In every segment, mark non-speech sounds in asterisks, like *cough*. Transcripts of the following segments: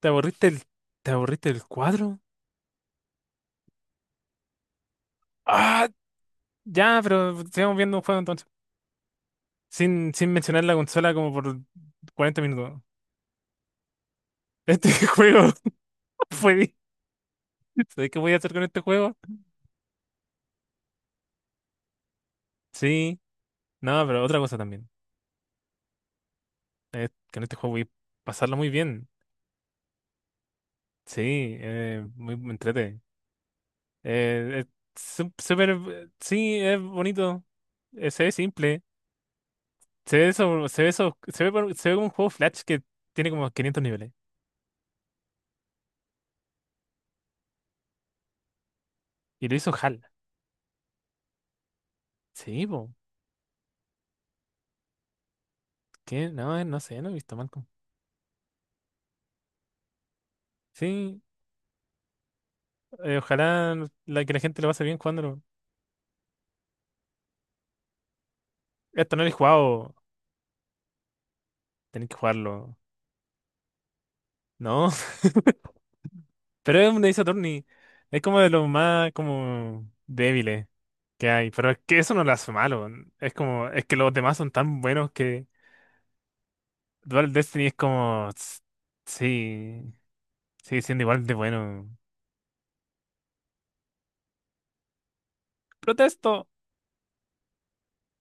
¿Te aburriste el, te aburriste el cuadro? Ah, ya, pero sigamos viendo un juego entonces. Sin mencionar la consola como por 40 minutos. Este *laughs* juego fue. ¿Sabes qué voy a hacer con este juego? Sí. No, pero otra cosa también. Es que en este juego voy a pasarlo muy bien. Sí, muy me entrete. Es súper. Sí, es bonito. Se ve simple. Se ve como un juego Flash que tiene como 500 niveles. Y lo hizo HAL. Sí, po. ¿Qué? No, no sé, no he visto Malcolm. Sí, ojalá que la gente lo pase bien jugándolo. Esto no lo he jugado, tenéis que jugarlo. No, *laughs* pero es un Ace Attorney. Es como de los más como débiles que hay. Pero es que eso no lo hace malo. Es como, es que los demás son tan buenos que Dual Destiny es como, "Tss, sí, sigue siendo igual de bueno". Protesto,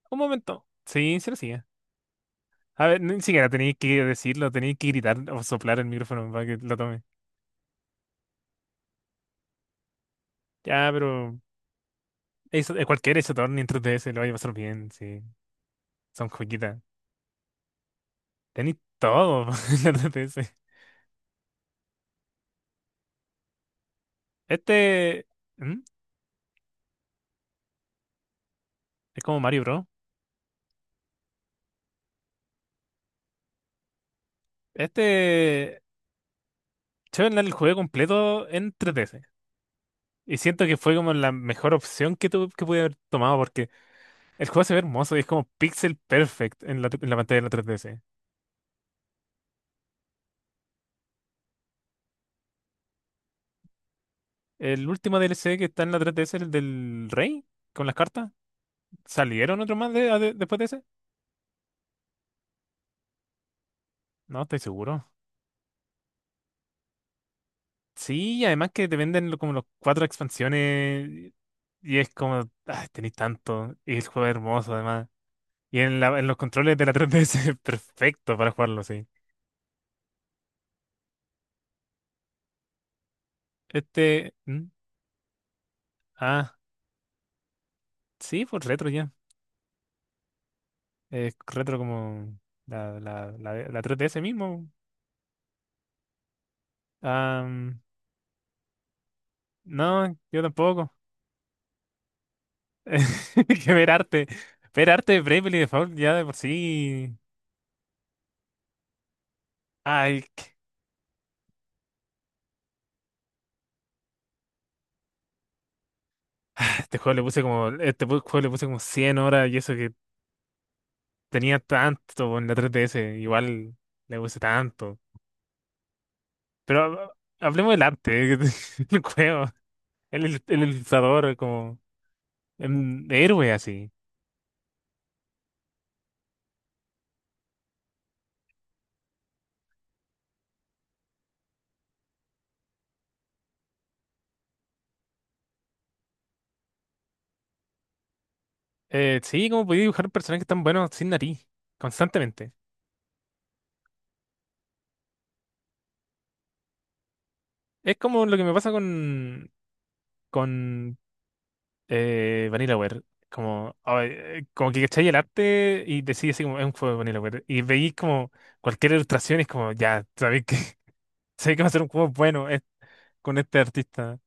un momento. Sí, sí lo sigue. A ver, ni siquiera tenéis que decirlo, tenéis que gritar o soplar el micrófono para que lo tome. Ya, pero eso, cualquier Saturn ni en 3DS lo vais a pasar bien, sí. Son joyitas. Tenéis todo *laughs* en la 3DS. Este. ¿Mm? Es como Mario Bros. Este. Yo el juego completo en 3DS. Y siento que fue como la mejor opción que tuve, que pude haber tomado, porque el juego se ve hermoso y es como pixel perfect en la pantalla de la 3DS. El último DLC que está en la 3DS, el del Rey, con las cartas, ¿salieron otro más después de ese? No, estoy seguro. Sí, y además que te venden como los cuatro expansiones y es como, ay, tenéis tanto. Y el juego es hermoso además. Y en los controles de la *laughs* 3DS es perfecto para jugarlo, sí. ¿Mm? Ah, sí, pues retro ya. Es retro como la 3DS mismo. Ah, mm, no, yo tampoco. *laughs* Que ver arte. Ver arte de Bravely Default ya de por sí. Ay, que- este juego le puse como, este pu- juego le puse como 100 horas, y eso que tenía tanto en la 3DS, igual le puse tanto. Pero hablemos del arte, *laughs* el juego, el ilustrador, como héroe así. Sí, como podía dibujar personajes tan buenos sin nariz, constantemente. Es como lo que me pasa con, con VanillaWare. Como, ay, como que cachai el arte y decís así como es un juego de VanillaWare. Y veis como cualquier ilustración y es como, ya, sabéis que, *laughs* sabéis que va a ser un juego bueno con este artista.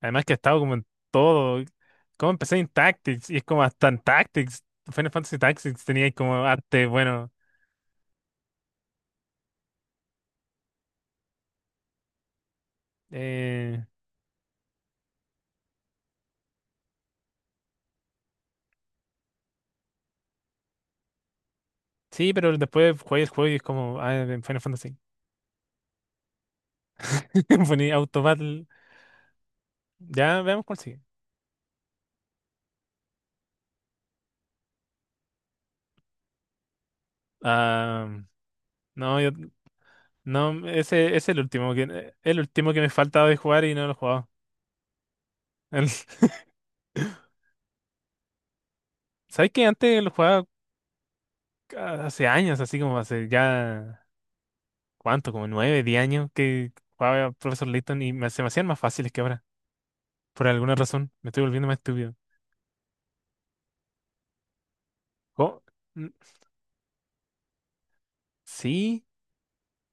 Además que ha estado como en todo. Como empecé en Tactics, y es como hasta en Tactics. Final Fantasy Tactics tenía como arte bueno. eh, sí, pero después jugué el juego y es como ah, en Final Fantasy. *laughs* Poní Auto Battle. Ya veamos cuál sigue. Ah, no, yo, no, ese es el último que me faltaba de jugar y no lo he jugado. El- ¿Sabes que antes lo jugaba hace años, así como hace ya, ¿cuánto? Como 9, 10 años que jugaba Professor Layton y se me hacían más fáciles que ahora. Por alguna razón, me estoy volviendo más estúpido. ¿Cómo? N- Sí,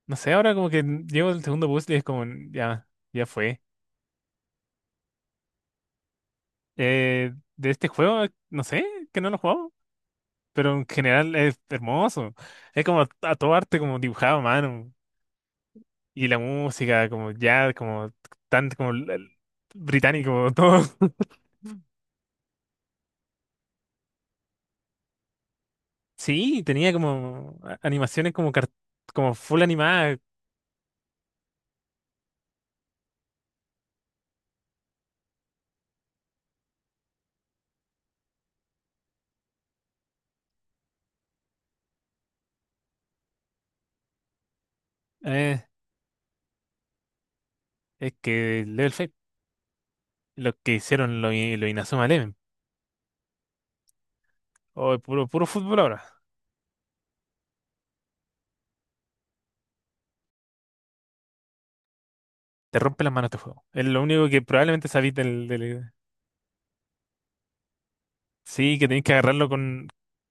no sé, ahora como que llevo el segundo puzzle y es como, ya, ya fue. De este juego, no sé, que no lo he jugado, pero en general es hermoso. Es como, a todo arte, como dibujado a mano. Y la música, como ya, como tan, como británico, *laughs* todo. Sí, tenía como animaciones como, como full animadas. eh, es que Level 5, lo que hicieron, lo Inazuma Eleven. Oh, puro, puro fútbol ahora. Te rompe las manos este juego. Es lo único que probablemente sabís del. Sí, que tenés que agarrarlo con,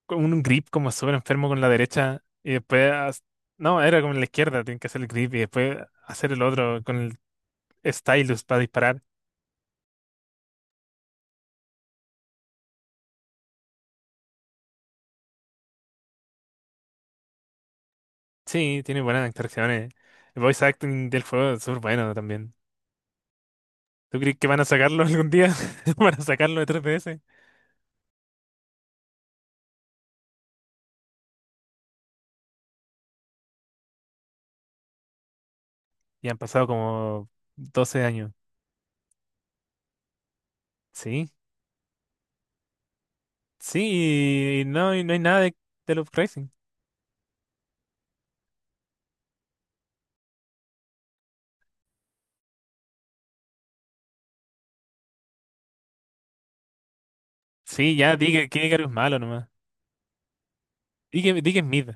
un grip como súper enfermo con la derecha y después. No, era con la izquierda, tenés que hacer el grip y después hacer el otro con el stylus para disparar. Sí, tiene buenas interacciones. El voice acting del juego es súper bueno también. ¿Tú crees que van a sacarlo algún día? *laughs* ¿Van a sacarlo de 3DS? Y han pasado como 12 años. Sí, sí, y no hay nada de, Love. Sí, ya, di que Icarus es malo nomás. Di que es mid.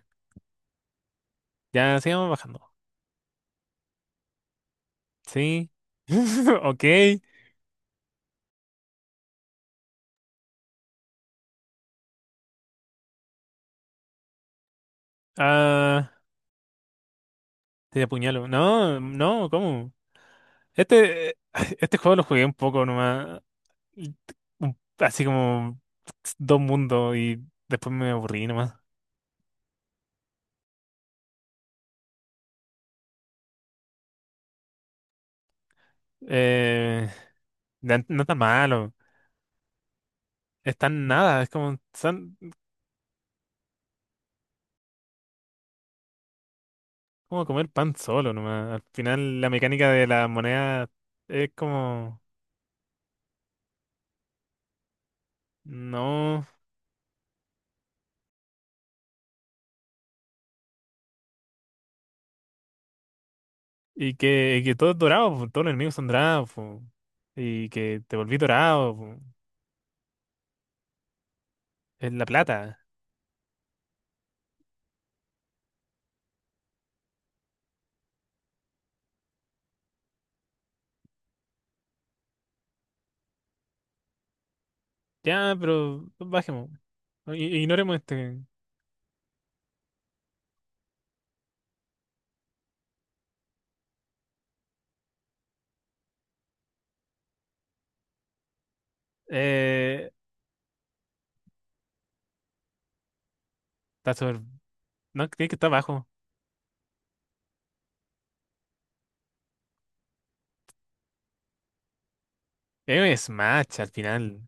Ya, sigamos bajando. Sí, *laughs* ok. Ah, te apuñalo. No, no, ¿cómo? Este, *sighs* eh, *laughs* este juego lo jugué un poco nomás. Así como dos mundos y después me aburrí nomás. Eh, no está malo. Es tan nada, es como, como comer pan solo nomás. Al final la mecánica de la moneda es como. No. Y que todo es dorado, po, todos los enemigos son dorados, po, y que te volví dorado, po, es la plata. Ya, pero bajemos. No, ignoremos este. Eh, Está sobre. No, tiene que estar abajo. Es un Smash al final.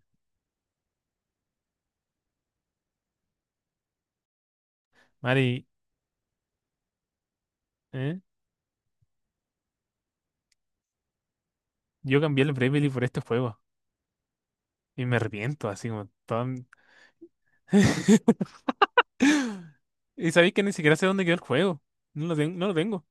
Mari, ¿eh? Yo cambié el Bravely por este juego. Y me arrepiento, así como todo. *laughs* Y sabéis que ni siquiera sé dónde quedó el juego. No lo tengo, no lo tengo.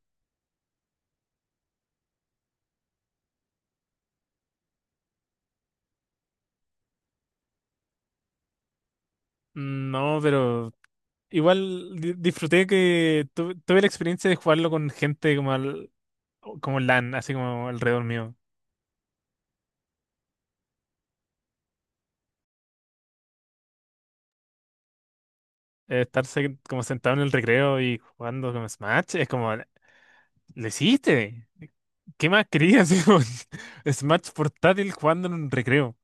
No, pero igual disfruté que tuve la experiencia de jugarlo con gente como LAN, así como alrededor mío. Estar como sentado en el recreo y jugando con Smash es como, ¿lo hiciste? ¿Qué más querías? *laughs* Así como, Smash portátil jugando en un recreo.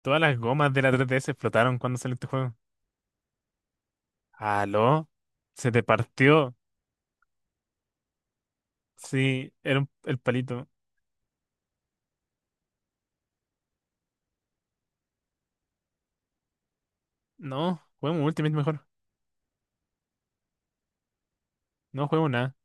Todas las gomas de la 3DS explotaron cuando salió este juego. ¿Aló? Se te partió. Sí, era el palito. No, juguemos Ultimate mejor. No juego nada.